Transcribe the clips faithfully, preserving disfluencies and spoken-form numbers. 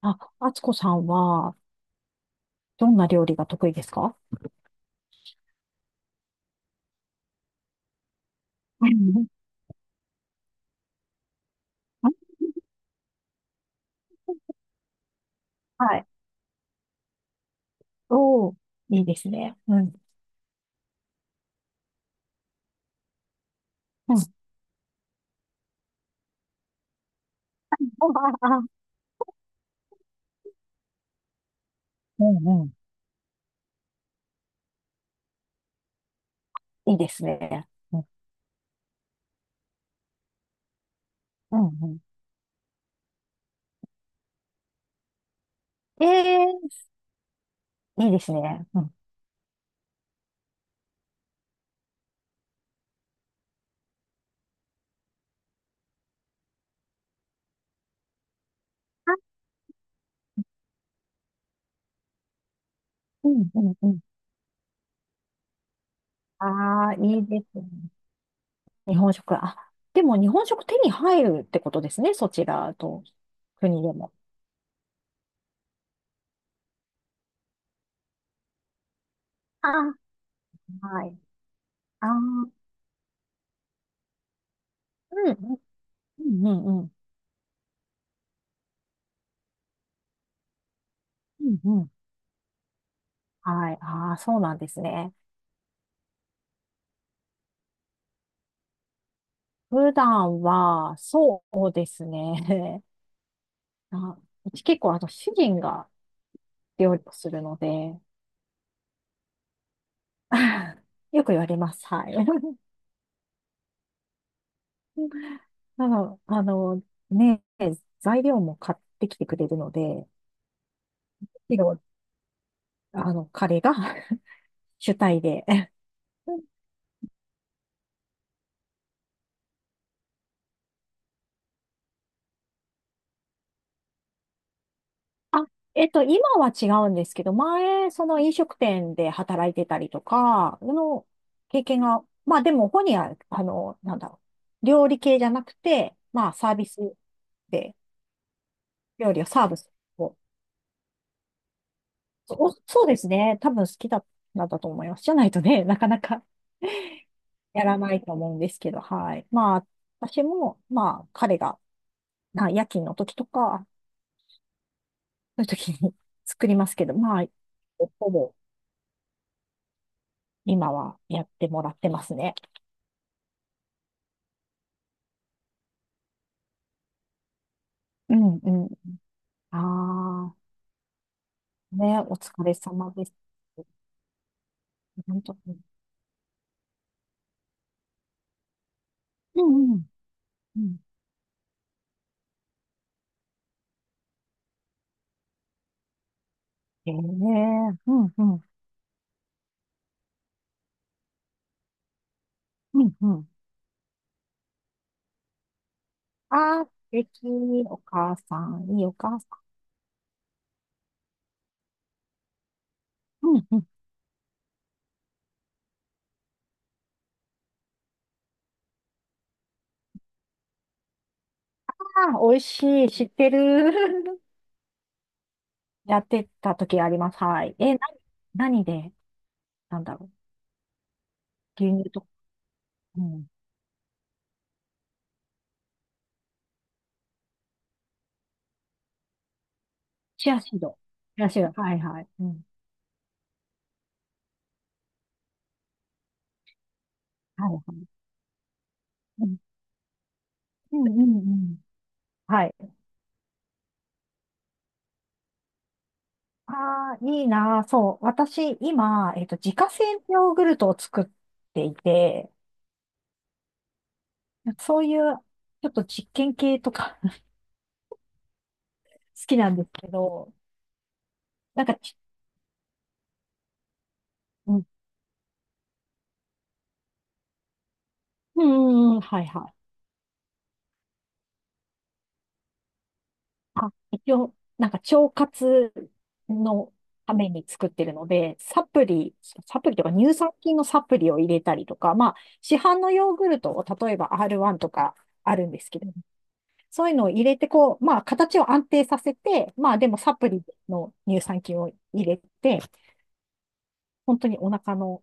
あ、あつこさんは、どんな料理が得意ですか？うん。はい。おー、いいですね。うん。うん、あ。うんうん。いいですね。うん、うん、うん。えー、いいですね。うん、あ。うん、うん、うん。ああー、いいですね。日本食。あ、でも日本食手に入るってことですね。そちらと国でも。あ。はい。あー、うん、うん、うん、うんうん。うんうん。はい。ああ、そうなんですね。普段は、そうですね。あ、うち結構、あの、主人が料理をするので、よく言われます。はい。なの、あの、ね、材料も買ってきてくれるので、けどあの、彼が 主体で。あ、えっと、今は違うんですけど、前、その飲食店で働いてたりとか、の経験が、まあでも、本人は、あの、なんだろう、料理系じゃなくて、まあサービスで、料理をサーブする。そう、そうですね。多分好きだったんだと思います。じゃないとね、なかなかやらないと思うんですけど、はい。まあ、私も、まあ、彼が、まあ、夜勤の時とか、そういう時に 作りますけど、まあ、ほぼ今はやってもらってますね。うんうん。ああ、ね、お疲れ様です。本当に。うんうん。うん、ええ、うんうん。うんうん。ああ、素敵。お母さん、いいお母うんうん、あー、美味しい。知ってる。やってた時あります。はい。え、な、何で、なんだろう。牛乳と、うん。チアシード。チアシード。はいはい。うん。はいはい。うんうんうんうん。はい。ああ、いいなー。そう。私、今、えっと、自家製のヨーグルトを作っていて、そういう、ちょっと実験系とか 好きなんですけど、なんかち、うん。うんうんうん。はいはい。あ、一応、なんか腸活のために作ってるので、サプリ、サプリとか乳酸菌のサプリを入れたりとか、まあ、市販のヨーグルトを例えば アールワン とかあるんですけど、そういうのを入れて、こう、まあ、形を安定させて、まあ、でもサプリの乳酸菌を入れて、本当にお腹の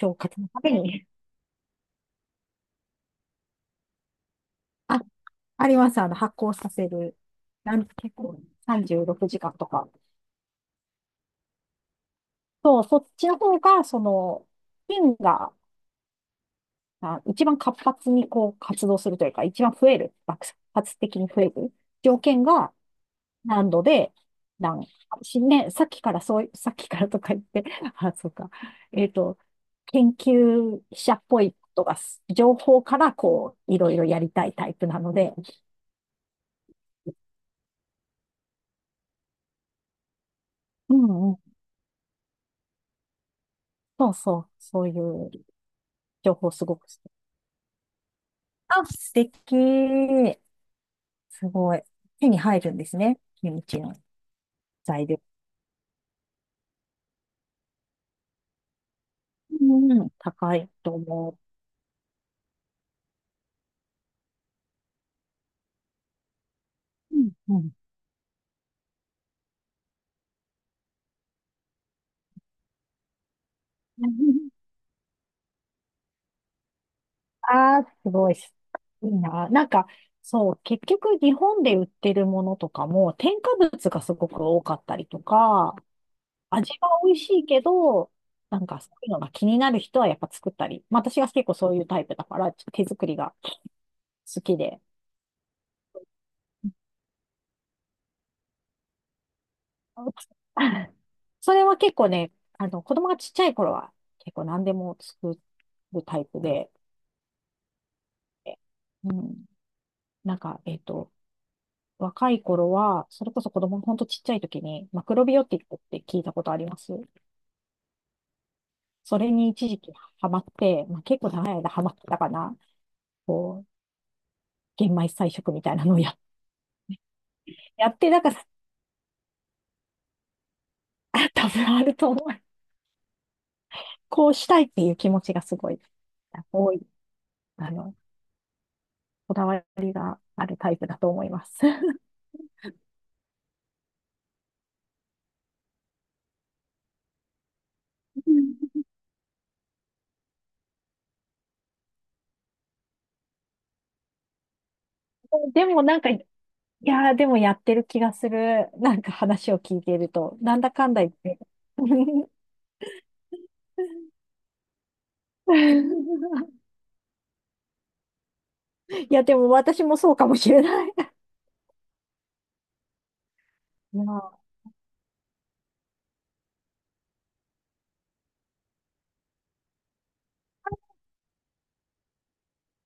腸活のために、あ、あります。あの、発酵させる。なん結構さんじゅうろくじかんとか。そう、そっちの方が、その、菌が、あ、一番活発にこう活動するというか、一番増える、爆発的に増える条件が何度で何。しね、さっきからそうい、さっきからとか言って、あ、そうか。えっと、研究者っぽいことが情報からこう、いろいろやりたいタイプなので、うんうん。そうそう、そういう情報すごく好き。あ、素敵。すごい。手に入るんですね。キムチの材料。うんうん、高いと思う。うんうん。 ああ、すごいっす。いいな。なんか、そう、結局日本で売ってるものとかも添加物がすごく多かったりとか、味は美味しいけど、なんかそういうのが気になる人はやっぱ作ったり、まあ私が結構そういうタイプだから、手作りが好きで。それは結構ね、あの、子供がちっちゃい頃は結構何でも作るタイプで、うん、なんか、えっと、若い頃は、それこそ子供のほんとちっちゃい時に、マクロビオティックって聞いたことあります？それに一時期ハマって、まあ、結構長い間ハマってたかな。こう、玄米菜食みたいなのをやって、やって、だから、あ多分あると思う。こうしたいっていう気持ちがすごい、多い、あの、こだわりがあるタイプだと思います。でもなんか、いやーでもやってる気がする。なんか話を聞いていると、なんだかんだ言って。いや、でも私もそうかもしれない。いや、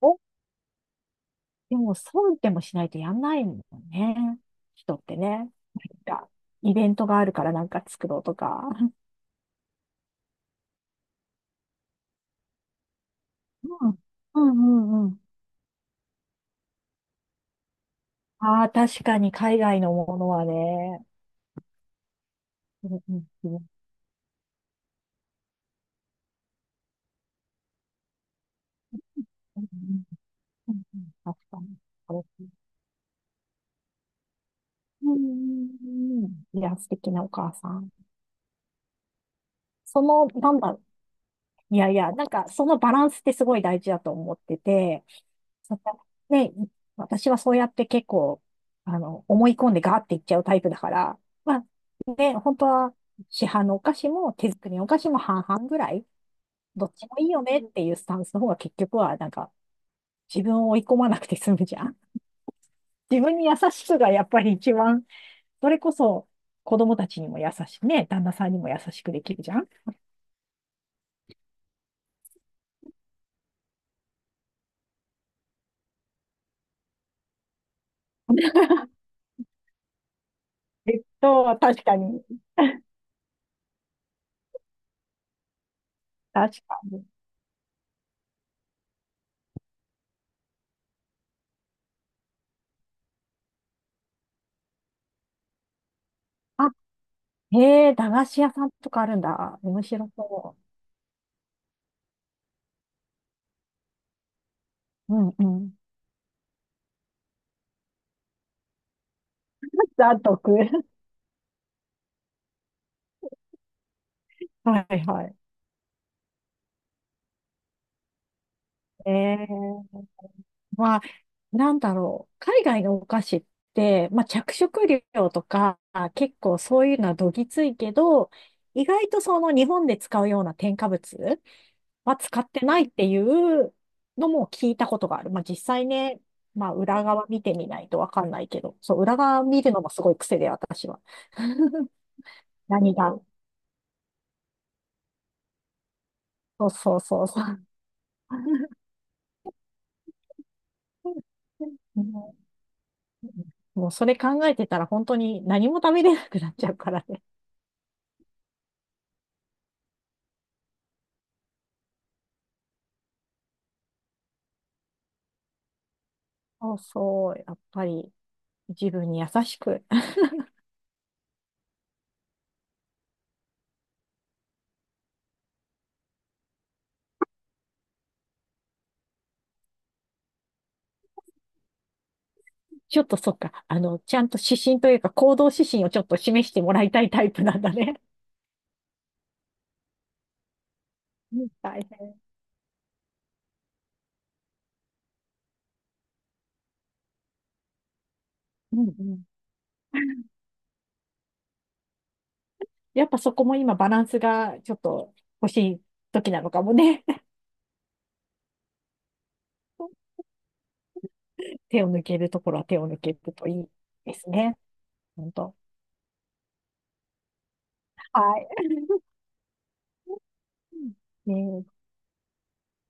お、でも、そうでもしないとやんないもんね。人ってね、なんか、イベントがあるからなんか作ろうとか。うん。うんうんうん。ああ、確かに海外のものはね。うんうんうんうんうんうん、確かに。うんうんうんうん、いや、素敵なお母さん。その、なんだろ。いやいや、なんかそのバランスってすごい大事だと思ってて、そね、私はそうやって結構、あの、思い込んでガーっていっちゃうタイプだから、まあ、ね、本当は市販のお菓子も手作りのお菓子も半々ぐらい、どっちもいいよねっていうスタンスの方が結局は、なんか、自分を追い込まなくて済むじゃん。自分に優しくがやっぱり一番、それこそ子供たちにも優しくね、旦那さんにも優しくできるじゃん。えっと、確かに。確かに。あ、へえ、駄菓子屋さんとかあるんだ。面白そう。うんうん。ざっ はいはい。ええ、まあ、なんだろう。海外のお菓子って、まあ、着色料とか、結構そういうのはどぎついけど、意外とその日本で使うような添加物は使ってないっていうのも聞いたことがある。まあ、実際ね、まあ、裏側見てみないとわかんないけど、そう、裏側見るのもすごい癖で、私は。何が。そうそうそうそう。もう、もうそれ考えてたら本当に何も食べれなくなっちゃうからね。そうそう、やっぱり自分に優しく。ちょっとそっか、あの、ちゃんと指針というか行動指針をちょっと示してもらいたいタイプなんだね。うん、大変。うんうん。やっぱそこも今バランスがちょっと欲しい時なのかもね。手を抜けるところは手を抜けるといいですね。本当。はい。ねえ